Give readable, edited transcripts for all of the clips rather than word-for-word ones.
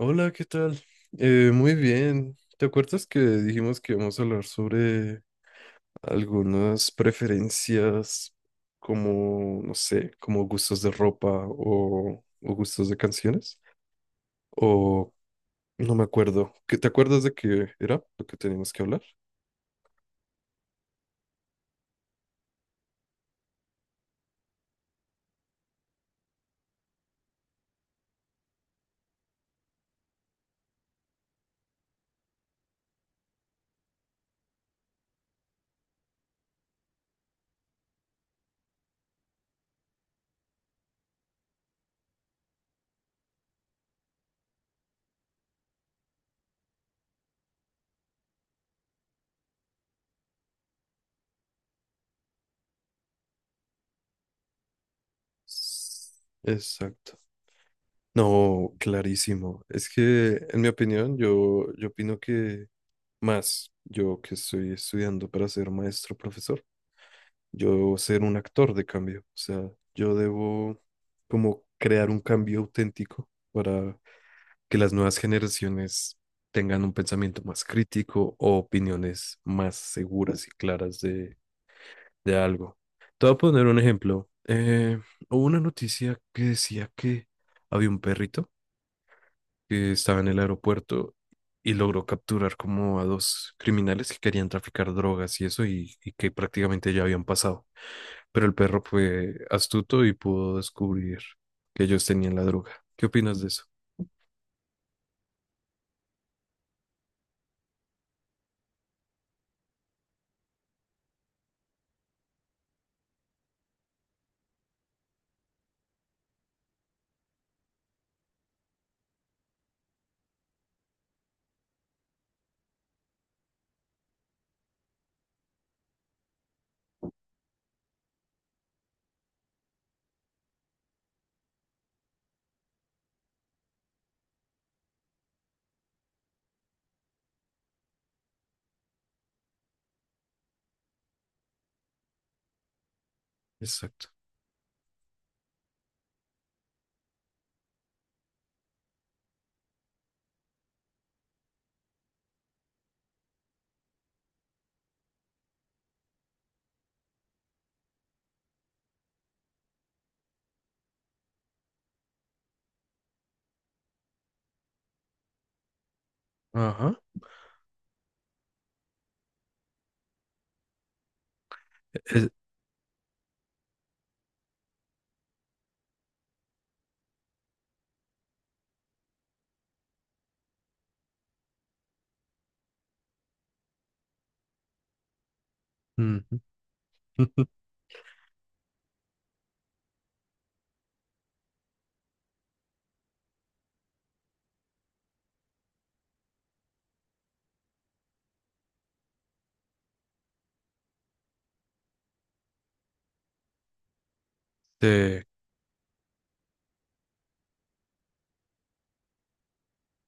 Hola, ¿qué tal? Muy bien. ¿Te acuerdas que dijimos que íbamos a hablar sobre algunas preferencias como, no sé, como gustos de ropa o gustos de canciones? O no me acuerdo. ¿Te acuerdas de qué era lo que teníamos que hablar? S- Exacto. No, clarísimo. Es que, en mi opinión, yo opino que más, yo que estoy estudiando para ser maestro profesor. Yo ser un actor de cambio. O sea, yo debo como crear un cambio auténtico para que las nuevas generaciones tengan un pensamiento más crítico o opiniones más seguras y claras de algo. Te voy a poner un ejemplo. Hubo una noticia que decía que había un perrito que estaba en el aeropuerto y logró capturar como a dos criminales que querían traficar drogas y eso y que prácticamente ya habían pasado, pero el perro fue astuto y pudo descubrir que ellos tenían la droga. ¿Qué opinas de eso? Exacto. Ajá. Es- Ujú. Eh,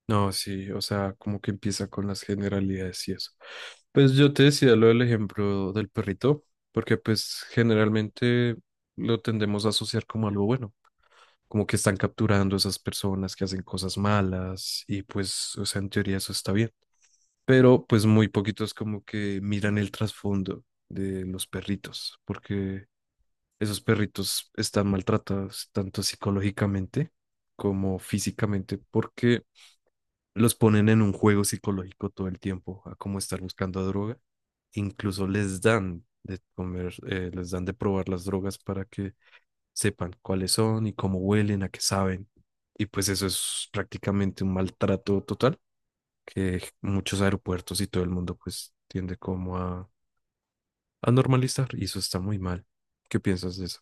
no, sí, o sea, como que empieza con las generalidades y eso. Pues yo te decía lo del ejemplo del perrito, porque pues generalmente lo tendemos a asociar como algo bueno, como que están capturando esas personas que hacen cosas malas y pues, o sea, en teoría eso está bien, pero pues muy poquitos como que miran el trasfondo de los perritos, porque esos perritos están maltratados tanto psicológicamente como físicamente porque los ponen en un juego psicológico todo el tiempo, a como estar buscando droga. Incluso les dan de comer, les dan de probar las drogas para que sepan cuáles son y cómo huelen, a qué saben. Y pues eso es prácticamente un maltrato total que muchos aeropuertos y todo el mundo pues tiende como a normalizar y eso está muy mal. ¿Qué piensas de eso?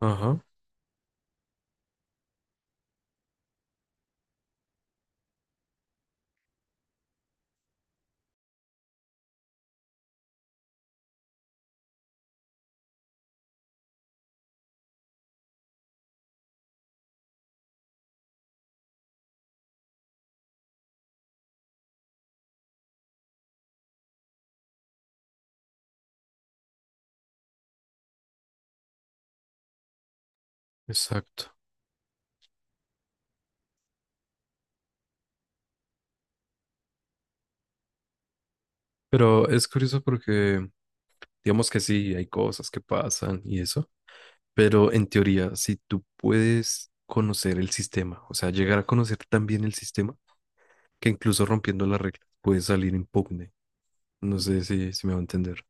Ajá, exacto. Pero es curioso porque digamos que sí, hay cosas que pasan y eso, pero en teoría, si tú puedes conocer el sistema, o sea, llegar a conocer tan bien el sistema, que incluso rompiendo las reglas puedes salir impugne. No sé si me va a entender.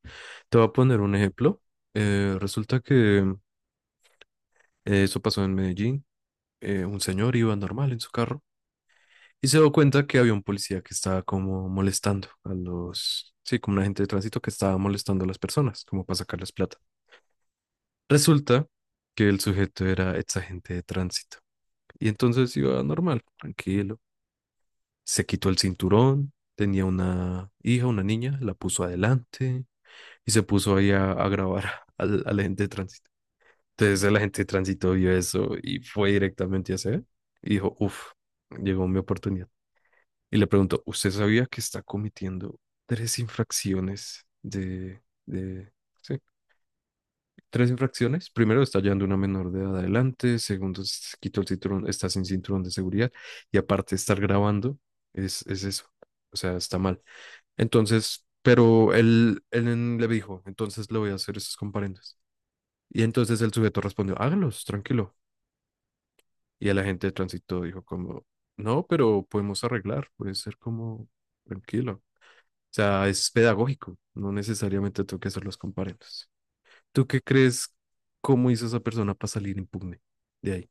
Te voy a poner un ejemplo. Resulta que eso pasó en Medellín. Un señor iba normal en su carro y se dio cuenta que había un policía que estaba como molestando a los, sí, como un agente de tránsito que estaba molestando a las personas, como para sacarles plata. Resulta que el sujeto era ex agente de tránsito y entonces iba normal, tranquilo. Se quitó el cinturón, tenía una hija, una niña, la puso adelante y se puso ahí a grabar al agente de tránsito. Entonces el agente de tránsito vio eso y fue directamente a hacer y dijo, uff, llegó mi oportunidad. Y le preguntó, ¿usted sabía que está cometiendo 3 infracciones sí, 3 infracciones? Primero, está llevando una menor de edad adelante. Segundo, se quitó el cinturón, está sin cinturón de seguridad. Y aparte, estar grabando es eso. O sea, está mal. Entonces, pero él le dijo, entonces le voy a hacer esos comparendos. Y entonces el sujeto respondió, hágalos, tranquilo. Y el agente de tránsito dijo como, no, pero podemos arreglar, puede ser como, tranquilo. O sea, es pedagógico, no necesariamente tengo que hacer los comparendos. ¿Tú qué crees? ¿Cómo hizo esa persona para salir impugne de ahí?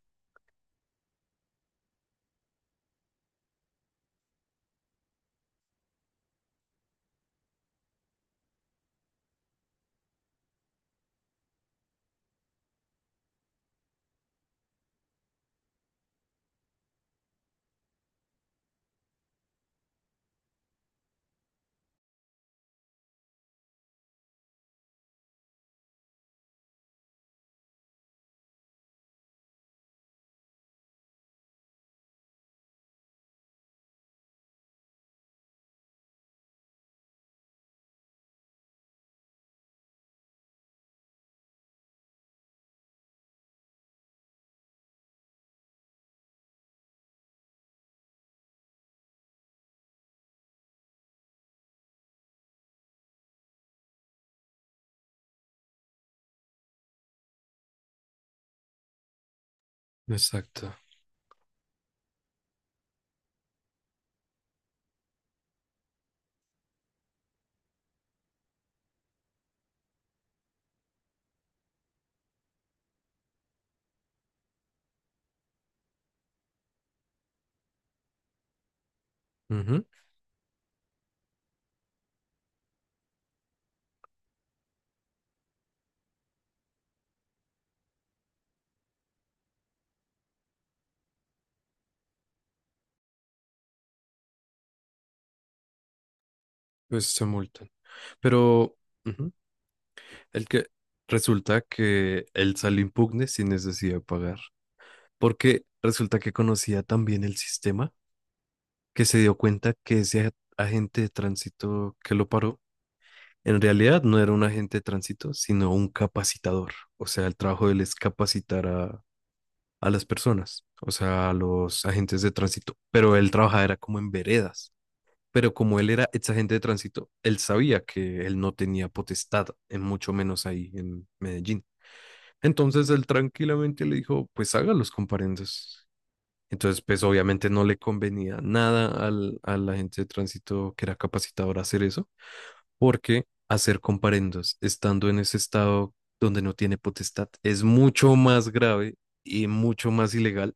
Exacto. Ujú. Pues se multan. Pero ujú, el que resulta que él salió impugne sin necesidad de pagar. Porque resulta que conocía también el sistema que se dio cuenta que ese agente de tránsito que lo paró en realidad no era un agente de tránsito, sino un capacitador. O sea, el trabajo de él es capacitar a las personas, o sea, a los agentes de tránsito, pero él trabajaba era como en veredas, pero como él era ex agente de tránsito, él sabía que él no tenía potestad, en mucho menos ahí en Medellín. Entonces él tranquilamente le dijo, pues haga los comparendos. Entonces, pues obviamente no le convenía nada al agente de tránsito que era capacitador hacer eso, porque hacer comparendos estando en ese estado donde no tiene potestad es mucho más grave y mucho más ilegal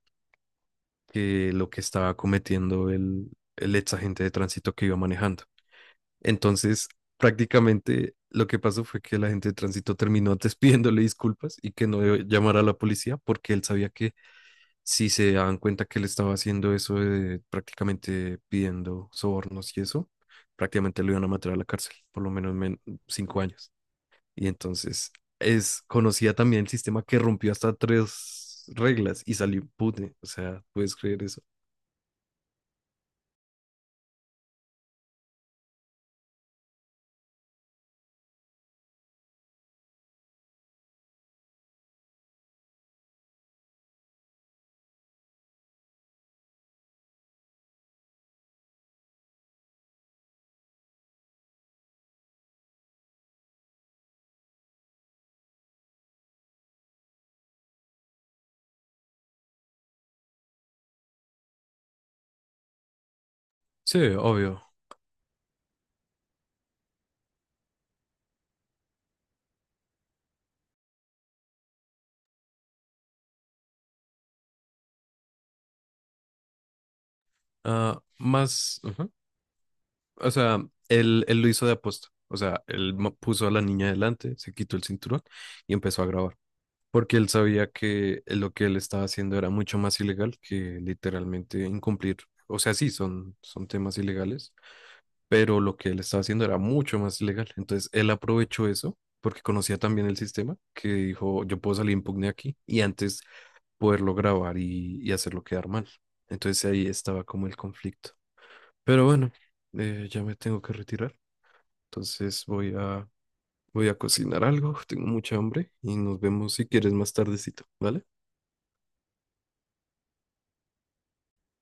que lo que estaba cometiendo el ex agente de tránsito que iba manejando. Entonces, prácticamente lo que pasó fue que el agente de tránsito terminó antes pidiéndole disculpas y que no llamara a la policía porque él sabía que si se daban cuenta que él estaba haciendo eso de prácticamente pidiendo sobornos y eso, prácticamente lo iban a matar a la cárcel, por lo menos 5 años. Y entonces es conocía también el sistema que rompió hasta 3 reglas y salió impune. O sea, ¿puedes creer eso? Sí, obvio. Ah, más, ujú. O sea, él lo hizo de aposta. O sea, él puso a la niña delante, se quitó el cinturón y empezó a grabar. Porque él sabía que lo que él estaba haciendo era mucho más ilegal que literalmente incumplir. O sea, sí, son temas ilegales, pero lo que él estaba haciendo era mucho más ilegal. Entonces, él aprovechó eso porque conocía también el sistema, que dijo, yo puedo salir impugne aquí y antes poderlo grabar y hacerlo quedar mal. Entonces ahí estaba como el conflicto. Pero bueno, ya me tengo que retirar. Entonces voy a, voy a cocinar algo. Tengo mucha hambre y nos vemos si quieres más tardecito, ¿vale?